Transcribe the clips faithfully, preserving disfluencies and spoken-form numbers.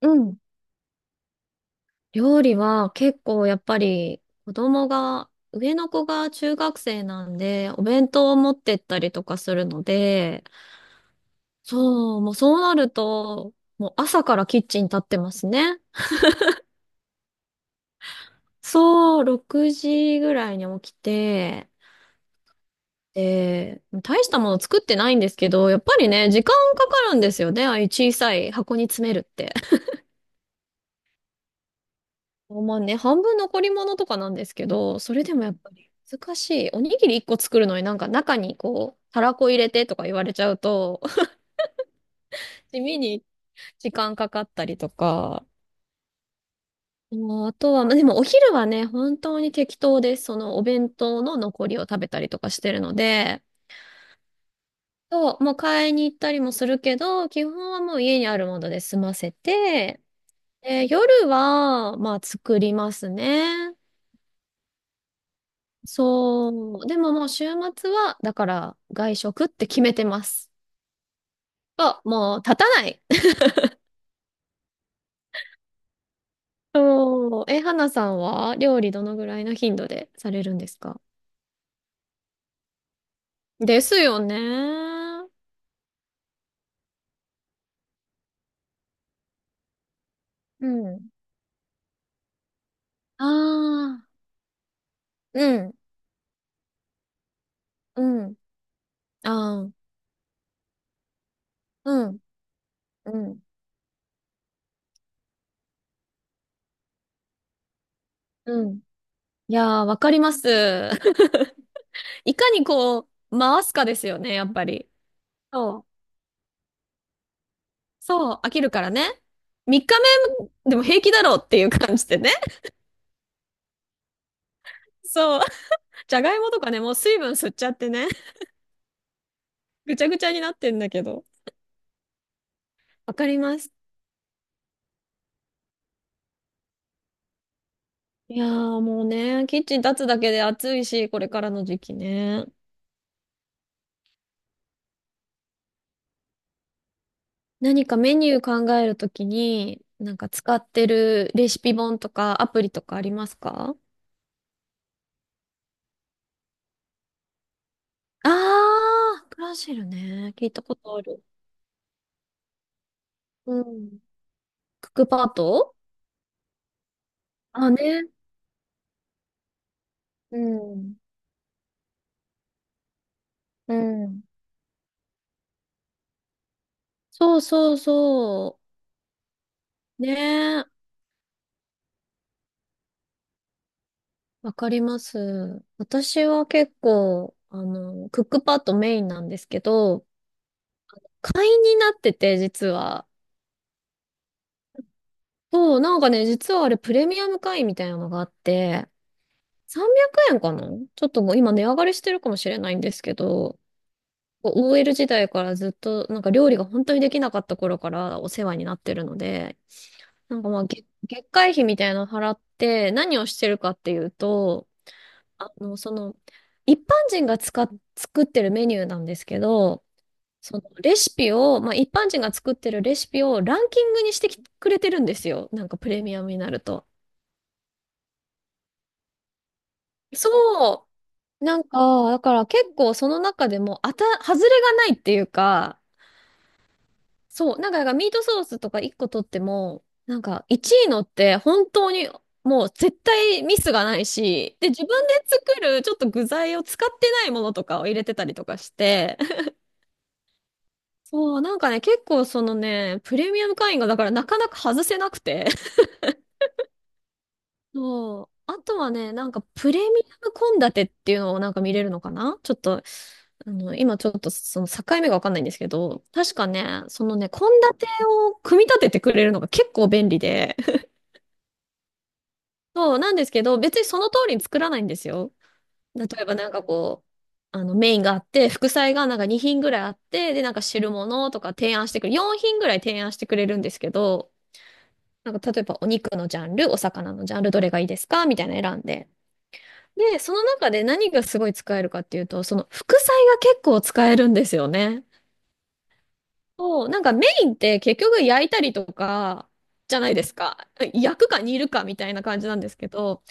うん。料理は結構やっぱり子供が、上の子が中学生なんで、お弁当を持ってったりとかするので、そう、もうそうなると、もう朝からキッチン立ってますね。そう、ろくじぐらいに起きて、で、大したもの作ってないんですけど、やっぱりね、時間かかるんですよね。ああいう小さい箱に詰めるって。まあね、半分残り物とかなんですけど、それでもやっぱり難しい。おにぎりいっこ作るのになんか中にこう、たらこ入れてとか言われちゃうと、地味に時間かかったりとか。もうあとは、まあでもお昼はね、本当に適当です。そのお弁当の残りを食べたりとかしてるので、そう、もう買いに行ったりもするけど、基本はもう家にあるもので済ませて、で、夜は、まあ作りますね。そう。でももう週末は、だから外食って決めてます。あ、もう立たない。そう。え、花さんは料理どのぐらいの頻度でされるんですか？ですよね。うん。ああ、うん、うん、ああ、うん、うん、うん。いやー、わかります。いかにこう、回すかですよね、やっぱり。そう。そう、飽きるからね。みっかめでも平気だろうっていう感じでね。そう。じゃがいもとかね、もう水分吸っちゃってね、ぐちゃぐちゃになってんだけど。わかります。いやーもうね、キッチン立つだけで暑いし、これからの時期ね。何かメニュー考えるときに、なんか使ってるレシピ本とかアプリとかありますか？あー、クラシルね。聞いたことある。うん。クックパッド。あ、ね。うん。うん。そうそうそう。ねえ、わかります。私は結構、あの、クックパッドメインなんですけど、会員になってて、実は。そう、なんかね、実はあれプレミアム会員みたいなのがあって、さんびゃくえんかな？ちょっともう今値上がりしてるかもしれないんですけど、こう オーエル 時代からずっと、なんか料理が本当にできなかった頃からお世話になってるので、なんかまあ、月、月会費みたいなの払って、何をしてるかっていうと、あの、その、一般人が使っ、作ってるメニューなんですけど、そのレシピを、まあ、一般人が作ってるレシピをランキングにしてきくれてるんですよ。なんかプレミアムになると。そう。なんか、だから結構その中でも、あた、外れがないっていうか、そう。なんか、だからミートソースとかいっこ取っても、なんかいちいのって本当にもう絶対ミスがないし、で、自分で作るちょっと具材を使ってないものとかを入れてたりとかして、そう、なんかね、結構そのね、プレミアム会員がだからなかなか外せなくて。そう。あとはね、なんかプレミアム献立っていうのをなんか見れるのかな、ちょっと、あの、今ちょっとその境目がわかんないんですけど、確かね、そのね、献立を組み立ててくれるのが結構便利で。そう、なんですけど、別にその通りに作らないんですよ。例えばなんかこう、あのメインがあって、副菜がなんかに品ぐらいあって、で、なんか汁物とか提案してくれる、よん品ぐらい提案してくれるんですけど、なんか例えばお肉のジャンル、お魚のジャンル、どれがいいですかみたいなの選んで。で、その中で何がすごい使えるかっていうと、その副菜が結構使えるんですよね。そう、なんかメインって結局焼いたりとかじゃないですか。焼くか煮るかみたいな感じなんですけど、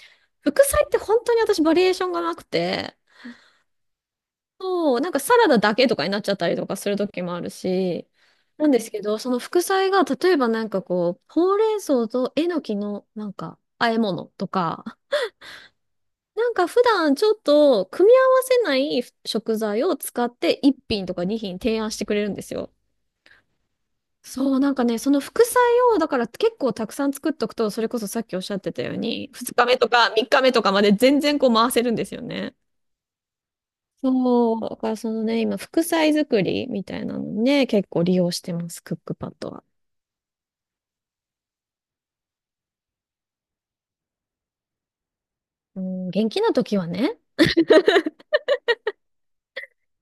副菜って本当に私バリエーションがなくて、そう、なんかサラダだけとかになっちゃったりとかする時もあるし、なんですけど、その副菜が例えばなんかこう、ほうれん草とえのきのなんか和え物とか、なんか普段ちょっと組み合わせない食材を使っていっ品とかに品提案してくれるんですよ。そう、なんかね、その副菜をだから結構たくさん作っとくと、それこそさっきおっしゃってたように、ふつかめとかみっかめとかまで全然こう回せるんですよね。そう、だからそのね、今副菜作りみたいなのにね、結構利用してます、クックパッドは。うん、元気な時はね、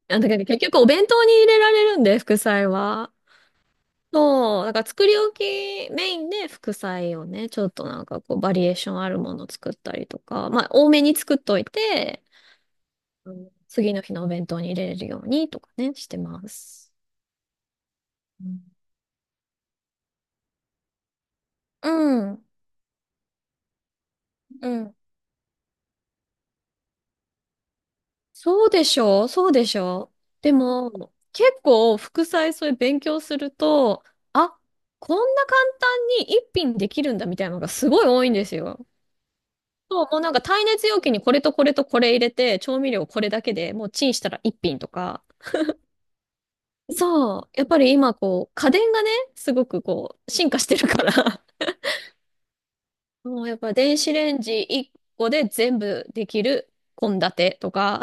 あんだけど結局お弁当に入れられるんで、副菜は。そう、だから作り置きメインで副菜をね、ちょっとなんかこうバリエーションあるものを作ったりとか、まあ多めに作っといて、あの次の日のお弁当に入れれるようにとかね、してます。うんうん、うん。そうでしょう、そうでしょう。でも、結構副菜そういう勉強すると、あ、こんな簡単に一品できるんだみたいなのがすごい多いんですよ。そう、もうなんか耐熱容器にこれとこれとこれ入れて、調味料これだけでもうチンしたら一品とか。そう、やっぱり今こう、家電がね、すごくこう、進化してるから、もうやっぱ電子レンジいっこで全部できる献立とか。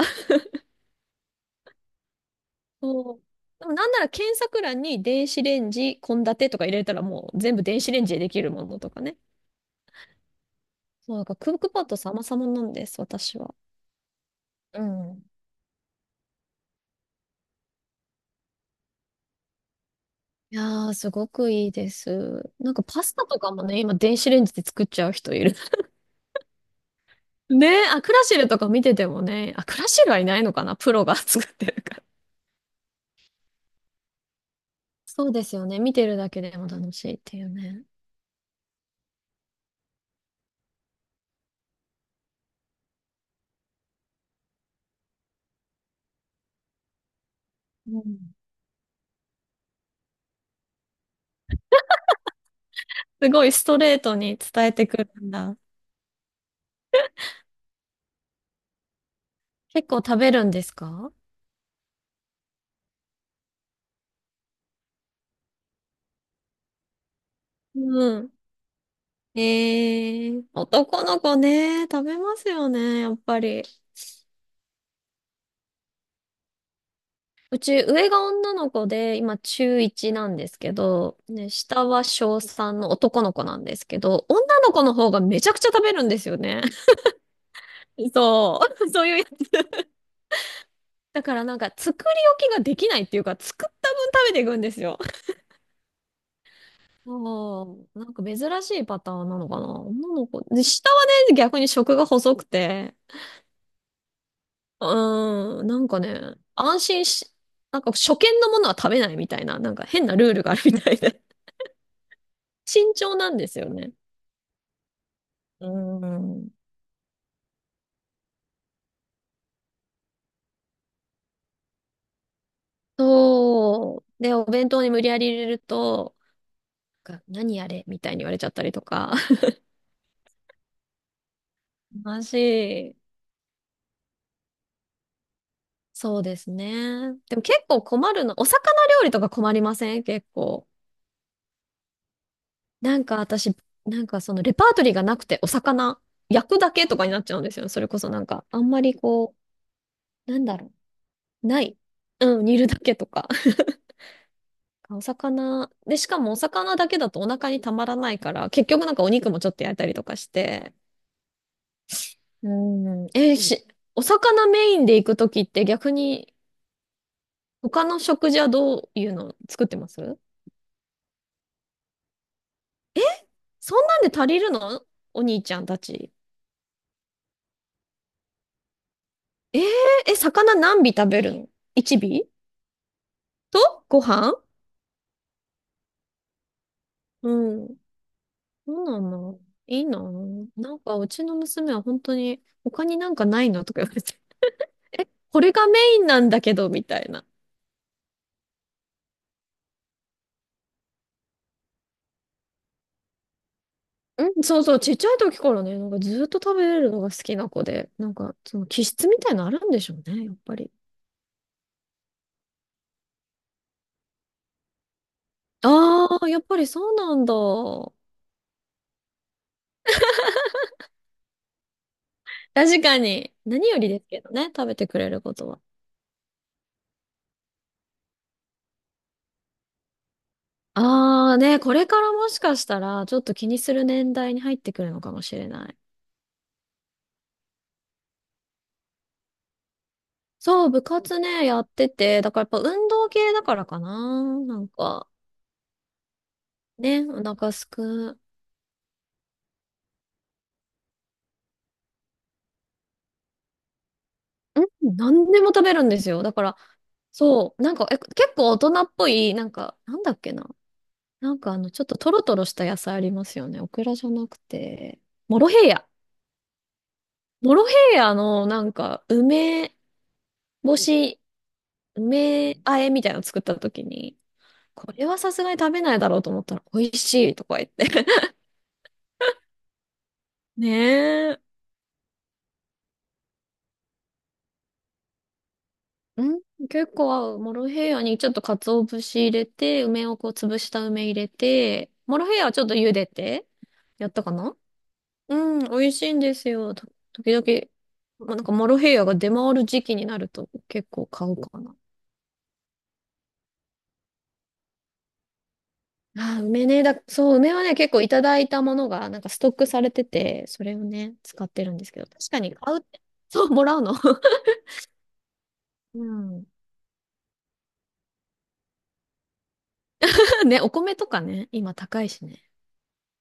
そう。でもなんなら検索欄に電子レンジ献立とか入れたらもう全部電子レンジでできるものとかね。そう、だからクックパッド様々なんです、私は。うん。いやー、すごくいいです。なんかパスタとかもね、今電子レンジで作っちゃう人いる。ねえ、あ、クラシルとか見ててもね、あ、クラシルはいないのかな、プロが 作ってるから。そうですよね。見てるだけでも楽しいっていうね。うん。すごいストレートに伝えてくるんだ。結構食べるんですか？うん。えー、男の子ね、食べますよね、やっぱり。うち上が女の子で、今中いちなんですけど、ね、下は小さんの男の子なんですけど、女の子の方がめちゃくちゃ食べるんですよね。そう、そういうやつ。だからなんか作り置きができないっていうか、作った分食べていくんですよ。そう、なんか珍しいパターンなのかな。女の子。で、下はね、逆に食が細くて、うーん、なんかね、安心し、なんか初見のものは食べないみたいな、なんか変なルールがあるみたいで。慎重なんですよね。うーん。そう。で、お弁当に無理やり入れると、が何あれみたいに言われちゃったりとか。マジ。そうですね。でも結構困るの。お魚料理とか困りません、結構？なんか私、なんかそのレパートリーがなくて、お魚焼くだけとかになっちゃうんですよ。それこそなんか、あんまりこう、なんだろう。ない。うん、煮るだけとか。お魚。で、しかもお魚だけだとお腹にたまらないから、結局なんかお肉もちょっと焼いたりとかして、うん。えーし、お魚メインで行くときって逆に他の食事はどういうの作ってます？そんなんで足りるの？お兄ちゃんたち。えー、え、魚何尾食べるの？ いち 尾とご飯？うん。そうなんだ。いいな。なんかうちの娘は本当に他になんかないのとか言われて。これがメインなんだけど、みたいな。うん、そうそう、ちっちゃい時からね、なんかずっと食べれるのが好きな子で、なんかその気質みたいなのあるんでしょうね、やっぱり。ああ、やっぱりそうなんだ。確かに。何よりですけどね、食べてくれることは。ああね、これからもしかしたら、ちょっと気にする年代に入ってくるのかもしれない。そう、部活ね、やってて、だからやっぱ運動系だからかな。なんか、ね、お腹すく。うん、何でも食べるんですよ。だから、そう、なんか、え、結構大人っぽい、なんか、なんだっけな。なんかあの、ちょっとトロトロした野菜ありますよね。オクラじゃなくて、モロヘイヤ。モロヘイヤのなんか梅干し、梅和えみたいなの作った時に、これはさすがに食べないだろうと思ったら美味しいとか言って。ねえ。うん、結構合う。モロヘイヤにちょっと鰹節入れて、梅をこう潰した梅入れて、モロヘイヤはちょっと茹でて、やったかな？うん、美味しいんですよ。と時々、まあなんかモロヘイヤが出回る時期になると結構買うかな。あー、梅ね。だ、そう、梅はね、結構いただいたものが、なんかストックされてて、それをね、使ってるんですけど、確かに買うって、そう、もらうの。うん。ね、お米とかね、今高いしね。